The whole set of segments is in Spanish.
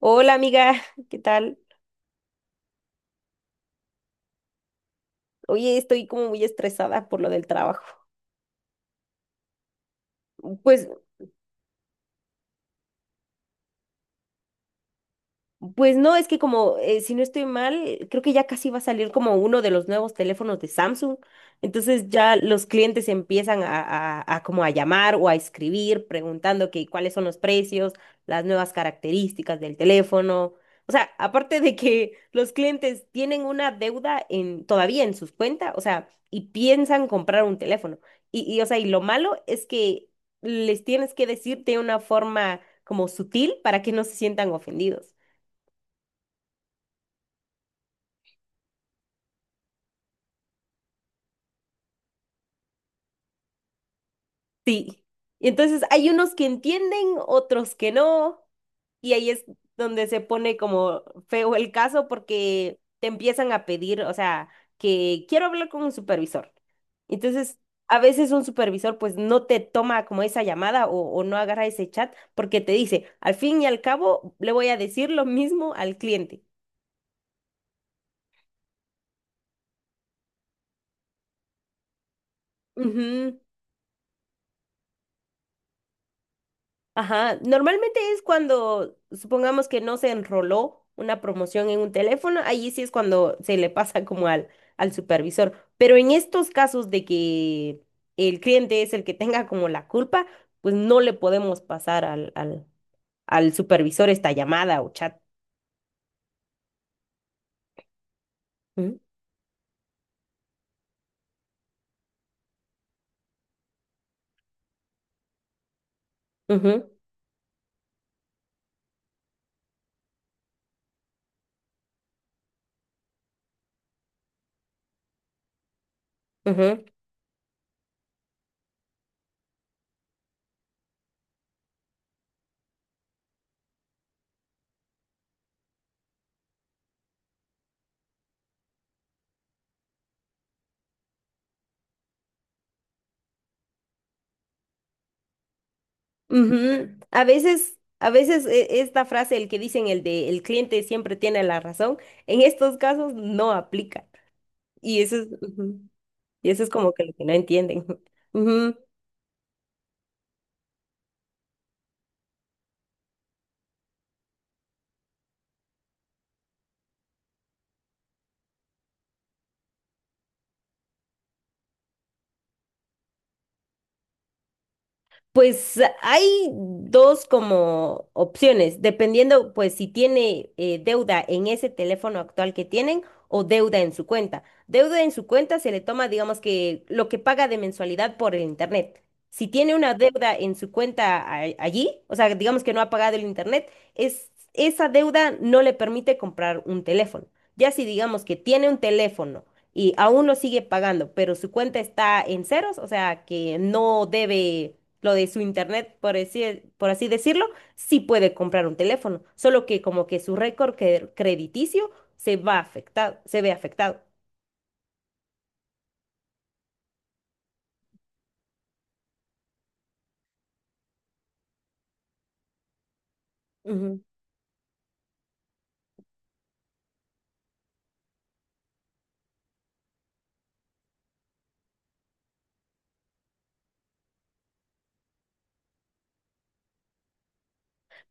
Hola amiga, ¿qué tal? Oye, estoy como muy estresada por lo del trabajo. Pues Pues no, es que como, si no estoy mal, creo que ya casi va a salir como uno de los nuevos teléfonos de Samsung. Entonces ya los clientes empiezan a como a llamar o a escribir preguntando que cuáles son los precios, las nuevas características del teléfono. O sea, aparte de que los clientes tienen una deuda en, todavía en sus cuentas, o sea, y piensan comprar un teléfono. O sea, y lo malo es que les tienes que decir de una forma como sutil para que no se sientan ofendidos. Sí. Y entonces hay unos que entienden, otros que no, y ahí es donde se pone como feo el caso porque te empiezan a pedir, o sea, que quiero hablar con un supervisor. Entonces, a veces un supervisor pues no te toma como esa llamada o no agarra ese chat porque te dice, al fin y al cabo, le voy a decir lo mismo al cliente. Ujú. Ajá, normalmente es cuando, supongamos que no se enroló una promoción en un teléfono, ahí sí es cuando se le pasa como al supervisor. Pero en estos casos de que el cliente es el que tenga como la culpa, pues no le podemos pasar al supervisor esta llamada o chat. ¿Mm? Ujú, ujú, ujú. A veces esta frase, el que dicen el de el cliente siempre tiene la razón, en estos casos no aplica. Y eso es... ujú. Y eso es como que lo que no entienden. Ujú. Pues hay dos como opciones, dependiendo pues si tiene deuda en ese teléfono actual que tienen o deuda en su cuenta. Deuda en su cuenta se le toma, digamos que lo que paga de mensualidad por el internet. Si tiene una deuda en su cuenta allí, o sea, digamos que no ha pagado el internet, esa deuda no le permite comprar un teléfono. Ya si digamos que tiene un teléfono y aún lo sigue pagando, pero su cuenta está en ceros, o sea, que no debe lo de su internet, por así decirlo, sí puede comprar un teléfono, solo que como que su récord crediticio se ve afectado. Ujú.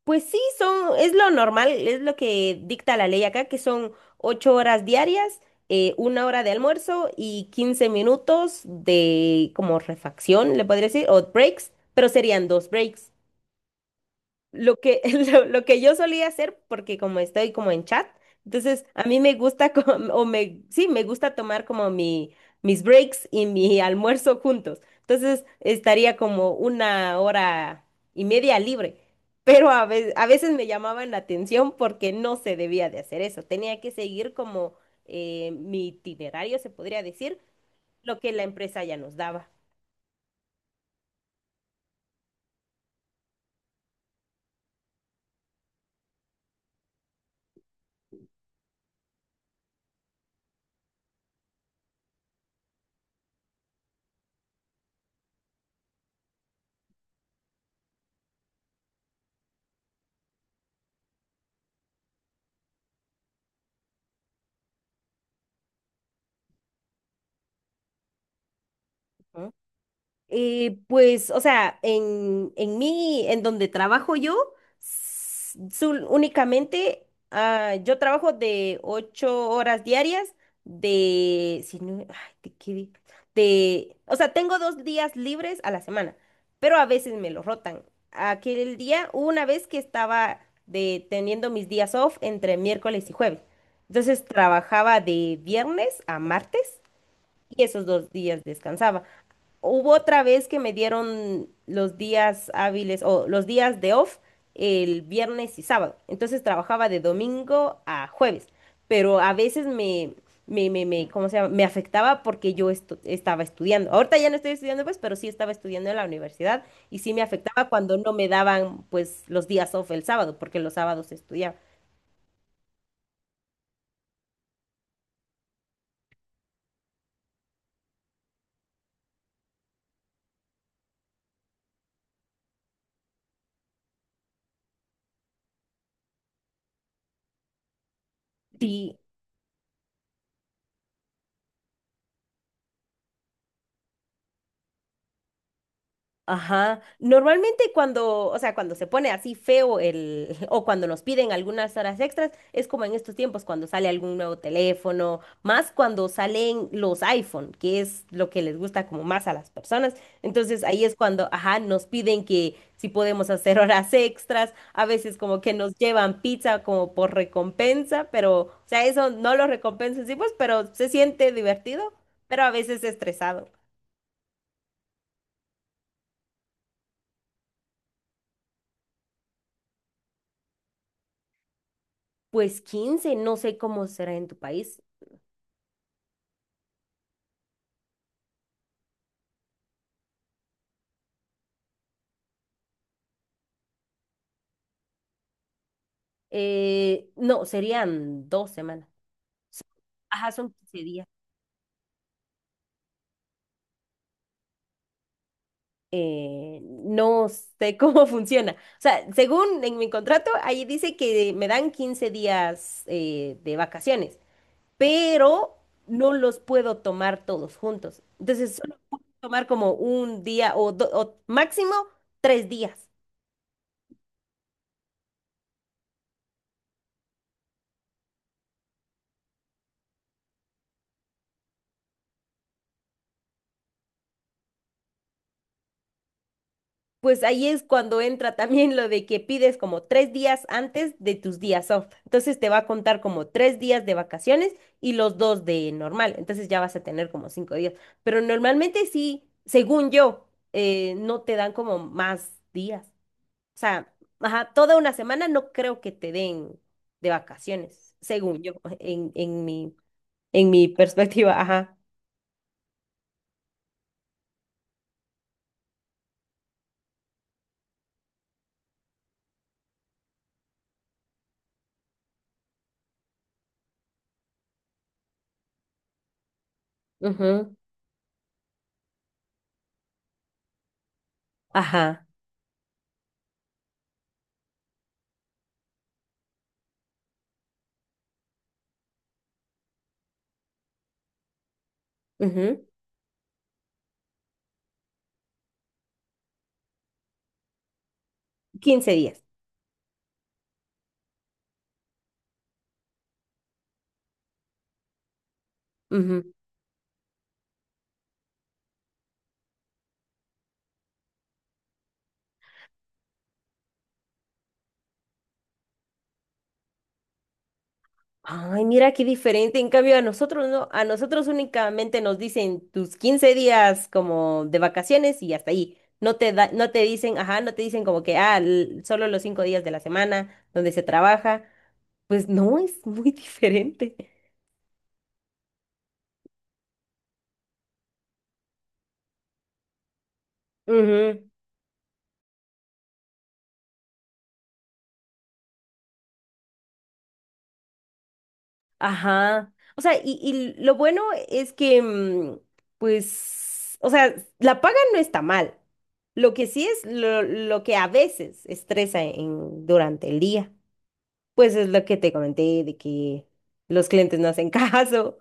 Pues sí, es lo normal, es lo que dicta la ley acá, que son ocho horas diarias, una hora de almuerzo y 15 minutos de como refacción, le podría decir, o breaks, pero serían dos breaks. Lo que, lo que yo solía hacer, porque como estoy como en chat, entonces a mí me gusta, sí, me gusta tomar como mis breaks y mi almuerzo juntos. Entonces estaría como una hora y media libre. Pero a veces me llamaban la atención porque no se debía de hacer eso. Tenía que seguir como mi itinerario, se podría decir, lo que la empresa ya nos daba. Ujú. O sea, en mí, en donde trabajo yo, únicamente yo trabajo de ocho horas diarias, de, si no, ay, ¿de qué di- de- o sea, tengo dos días libres a la semana, pero a veces me lo rotan. Aquel día, hubo una vez que estaba teniendo mis días off entre miércoles y jueves, entonces trabajaba de viernes a martes y esos dos días descansaba. Hubo otra vez que me dieron los días hábiles o los días de off el viernes y sábado. Entonces trabajaba de domingo a jueves, pero a veces ¿cómo se llama? Me afectaba porque yo estaba estudiando. Ahorita ya no estoy estudiando, pues, pero sí estaba estudiando en la universidad y sí me afectaba cuando no me daban, pues, los días off el sábado, porque los sábados estudiaba. Sí. Ajá. Normalmente cuando, o sea, cuando se pone así feo el, o cuando nos piden algunas horas extras, es como en estos tiempos cuando sale algún nuevo teléfono, más cuando salen los iPhone, que es lo que les gusta como más a las personas. Entonces ahí es cuando, ajá, nos piden que si podemos hacer horas extras, a veces como que nos llevan pizza como por recompensa, pero, o sea, eso no lo recompensa, sí, pues, pero se siente divertido, pero a veces estresado. Pues 15, no sé cómo será en tu país. No, serían dos semanas. Ajá, son 15 días. No sé cómo funciona. O sea, según en mi contrato, ahí dice que me dan 15 días de vacaciones, pero no los puedo tomar todos juntos. Entonces, solo puedo tomar como un día o o máximo tres días. Pues ahí es cuando entra también lo de que pides como tres días antes de tus días off. Entonces te va a contar como tres días de vacaciones y los dos de normal. Entonces ya vas a tener como cinco días. Pero normalmente sí, según yo, no te dan como más días. O sea, ajá, toda una semana no creo que te den de vacaciones, según yo, en, en mi, en mi perspectiva. Ajá. Ujú, Ajá. Ujú, 15 días. Ay, mira qué diferente. En cambio, a nosotros no, a nosotros únicamente nos dicen tus 15 días como de vacaciones y hasta ahí. No te da, no te dicen, ajá, no te dicen como que, ah, solo los cinco días de la semana donde se trabaja. Pues no, es muy diferente. Ujú, Ajá. O sea, y lo bueno es que, o sea, la paga no está mal. Lo que sí es lo que a veces estresa en, durante el día. Pues es lo que te comenté de que los clientes no hacen caso.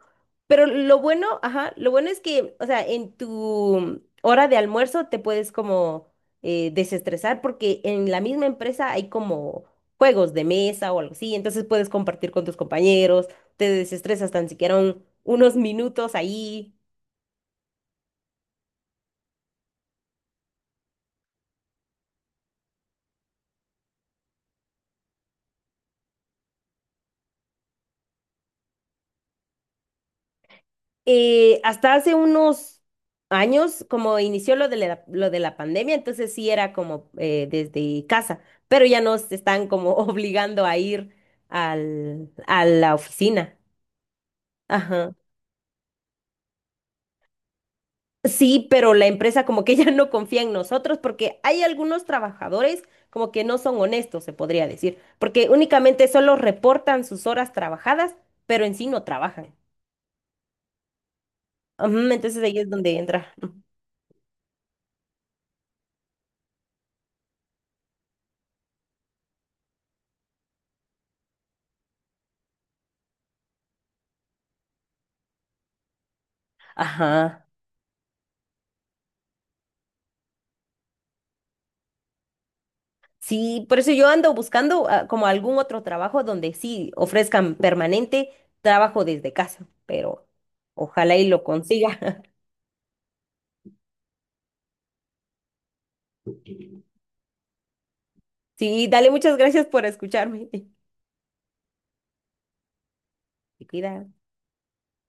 Pero lo bueno, ajá, lo bueno es que, o sea, en tu hora de almuerzo te puedes como desestresar porque en la misma empresa hay como juegos de mesa o algo así, entonces puedes compartir con tus compañeros, te desestresas tan siquiera unos minutos ahí. Hasta hace unos años, como inició lo de lo de la pandemia, entonces sí era como desde casa, pero ya nos están como obligando a ir a la oficina. Ajá. Sí, pero la empresa como que ya no confía en nosotros porque hay algunos trabajadores como que no son honestos, se podría decir, porque únicamente solo reportan sus horas trabajadas, pero en sí no trabajan. Ujú, entonces ahí es donde entra. Ajá. Sí, por eso yo ando buscando como algún otro trabajo donde sí ofrezcan permanente trabajo desde casa, pero ojalá y lo consiga. Sí, dale, muchas gracias por escucharme. Te cuidas.